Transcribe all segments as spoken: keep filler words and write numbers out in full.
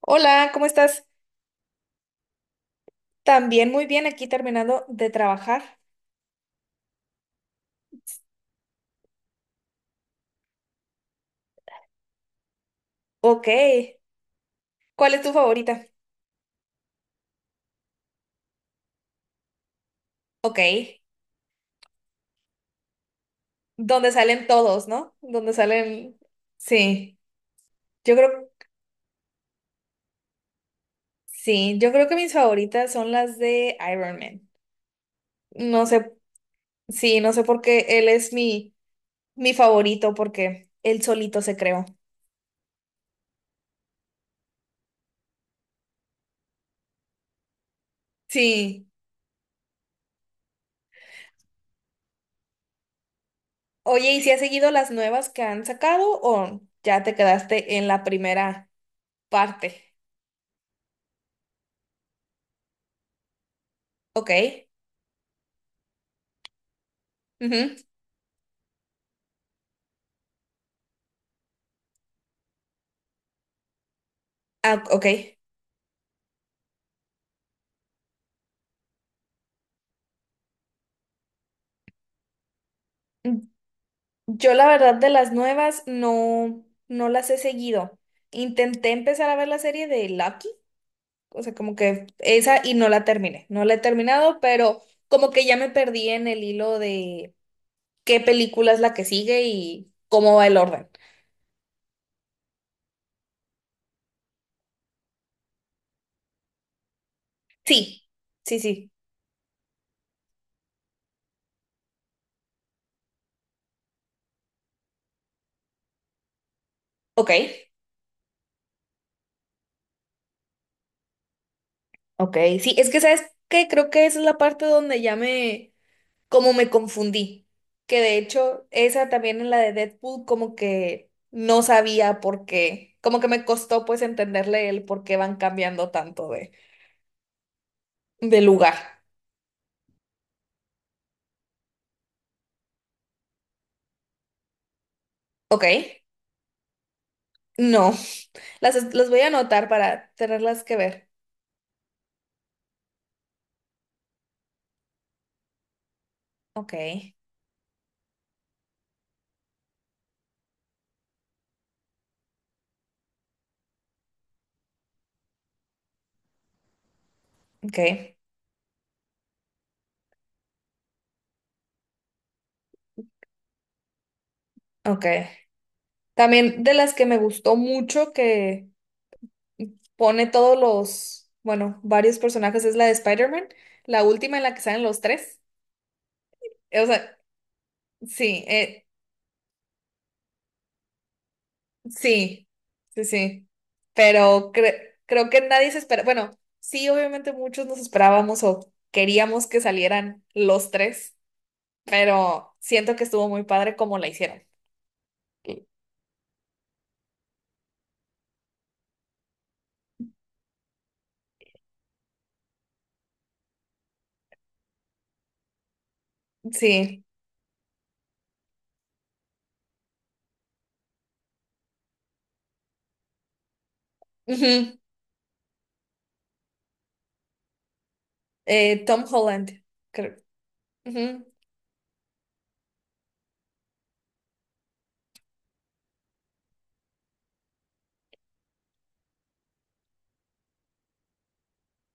Hola, ¿cómo estás? También muy bien, aquí terminando de trabajar. Ok, ¿cuál es tu favorita? Ok, donde salen todos, ¿no? Donde salen... Sí, yo creo... Sí, yo creo que mis favoritas son las de Iron Man. No sé, sí, no sé por qué él es mi, mi favorito, porque él solito se creó. Sí. Oye, ¿y si has seguido las nuevas que han sacado o ya te quedaste en la primera parte? Ok. Ujú. Ah, ok. Yo la verdad de las nuevas no, no las he seguido. Intenté empezar a ver la serie de Lucky, o sea, como que esa y no la terminé. No la he terminado, pero como que ya me perdí en el hilo de qué película es la que sigue y cómo va el orden. Sí, sí, sí. Ok, ok. Sí, es que sabes que creo que esa es la parte donde ya me, como me confundí. Que de hecho, esa también en la de Deadpool, como que no sabía por qué. Como que me costó pues entenderle el por qué van cambiando tanto de, de lugar. Ok. No. Las, es- las voy a anotar para tenerlas que ver. Ok. Ok. Ok. También de las que me gustó mucho que pone todos los, bueno, varios personajes es la de Spider-Man, la última en la que salen los tres. O sea, sí, eh, Sí, sí, sí. Pero cre- creo que nadie se espera. Bueno, sí, obviamente muchos nos esperábamos o queríamos que salieran los tres, pero siento que estuvo muy padre como la hicieron. Sí. Ujú. Eh, Tom Holland, creo. Ujú.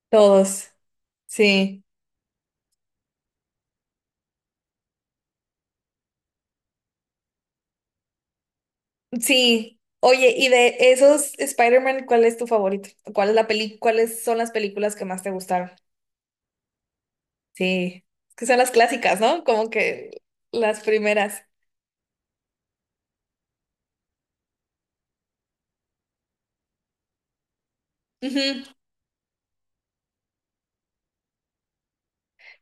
Todos. Sí. Sí. Oye, y de esos Spider-Man, ¿cuál es tu favorito? ¿Cuál es la peli, cuáles son las películas que más te gustaron? Sí. Es que son las clásicas, ¿no? Como que las primeras. Ujú.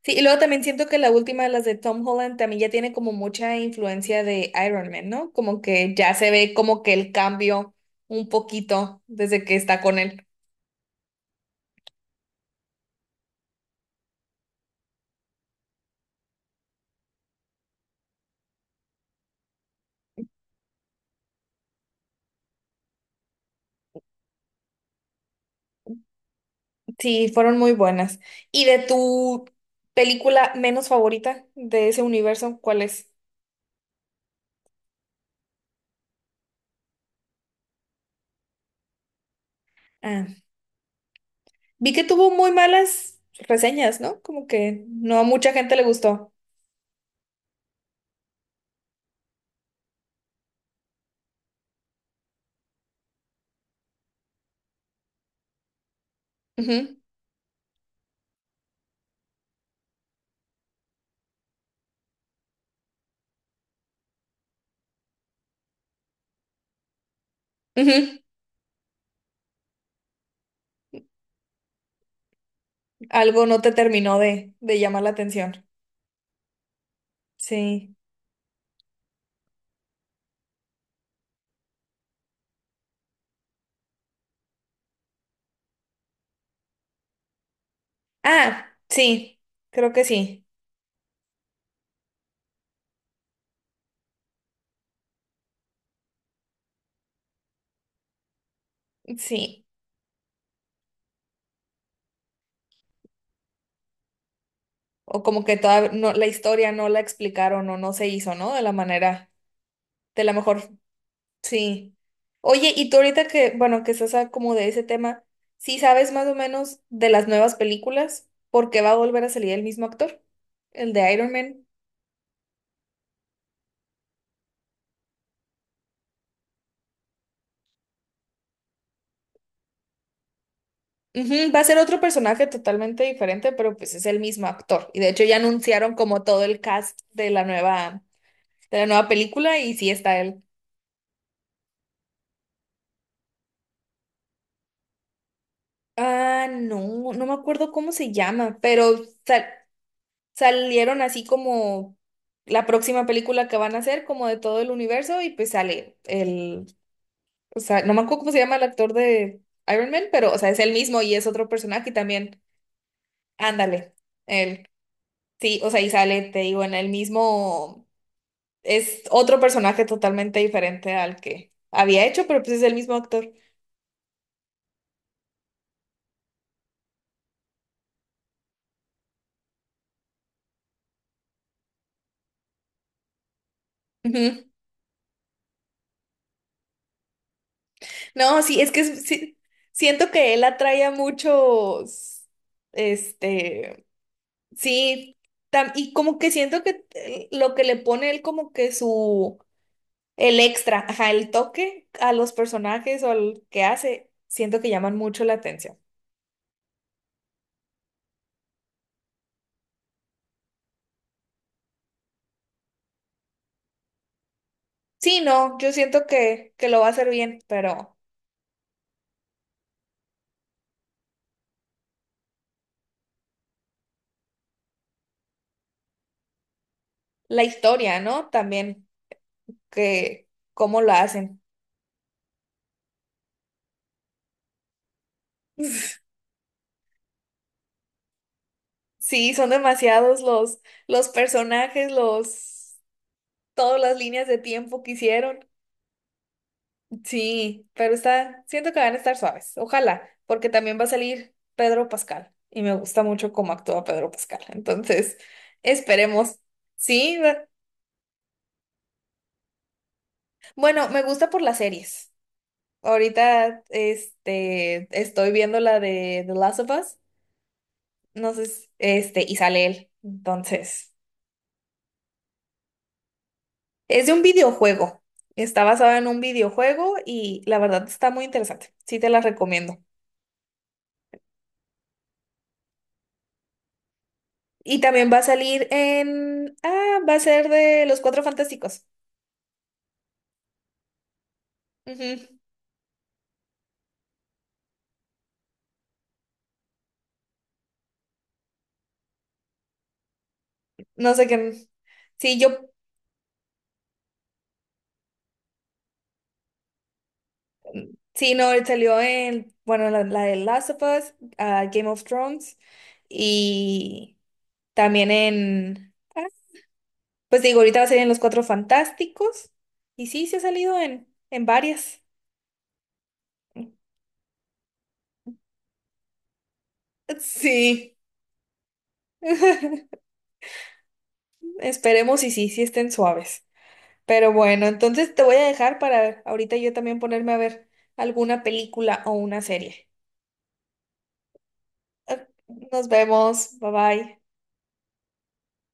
Sí, y luego también siento que la última de las de Tom Holland también ya tiene como mucha influencia de Iron Man, ¿no? Como que ya se ve como que el cambio un poquito desde que está con él. Sí, fueron muy buenas. ¿Y de tu película menos favorita de ese universo, cuál es? Ah, vi que tuvo muy malas reseñas, ¿no? Como que no a mucha gente le gustó. Ujú, ujú. Algo no te terminó de, de llamar la atención. Sí. Ah, sí, creo que sí, sí. O como que toda no, la historia no la explicaron o no se hizo, ¿no? De la manera, de la mejor, sí. Oye, y tú ahorita que, bueno, que estás ah, como de ese tema, ¿sí sabes más o menos de las nuevas películas? ¿Por qué va a volver a salir el mismo actor? El de Iron Man. Ujú, va a ser otro personaje totalmente diferente, pero pues es el mismo actor. Y de hecho ya anunciaron como todo el cast de la nueva, de la nueva película y sí está él. Ah, no, no me acuerdo cómo se llama, pero sal- salieron así como la próxima película que van a hacer, como de todo el universo, y pues sale el, o sea, no me acuerdo cómo se llama el actor de Iron Man, pero, o sea, es el mismo y es otro personaje y también. Ándale, él. Sí, o sea, y sale, te digo, en el mismo, es otro personaje totalmente diferente al que había hecho, pero pues es el mismo actor. No, sí, es que es- sí, siento que él atrae a muchos, este, sí, tam- y como que siento que eh, lo que le pone él como que su, el extra, ajá, el toque a los personajes o al que hace, siento que llaman mucho la atención. Sí, no, yo siento que, que lo va a hacer bien, pero la historia, ¿no? También, que cómo lo hacen. Sí, son demasiados los, los personajes, los... todas las líneas de tiempo que hicieron. Sí, pero está, siento que van a estar suaves. Ojalá, porque también va a salir Pedro Pascal y me gusta mucho cómo actúa Pedro Pascal. Entonces, esperemos. Sí, va- bueno, me gusta por las series. Ahorita, este, estoy viendo la de The Last of Us. No sé, si- este, y sale él. Entonces, es de un videojuego. Está basada en un videojuego y la verdad está muy interesante. Sí, te la recomiendo. Y también va a salir en... Ah, va a ser de Los Cuatro Fantásticos. Ujú. No sé qué... Sí, yo... Sí, no, él salió en... Bueno, la, la de Last of Us, ah, Game of Thrones y también en... ah, pues digo, ahorita va a salir en Los Cuatro Fantásticos. Y sí, se ha salido en, en varias. Sí. Esperemos y sí, sí estén suaves. Pero bueno, entonces te voy a dejar para ahorita yo también ponerme a ver alguna película o una serie. Ok, nos vemos. Bye bye.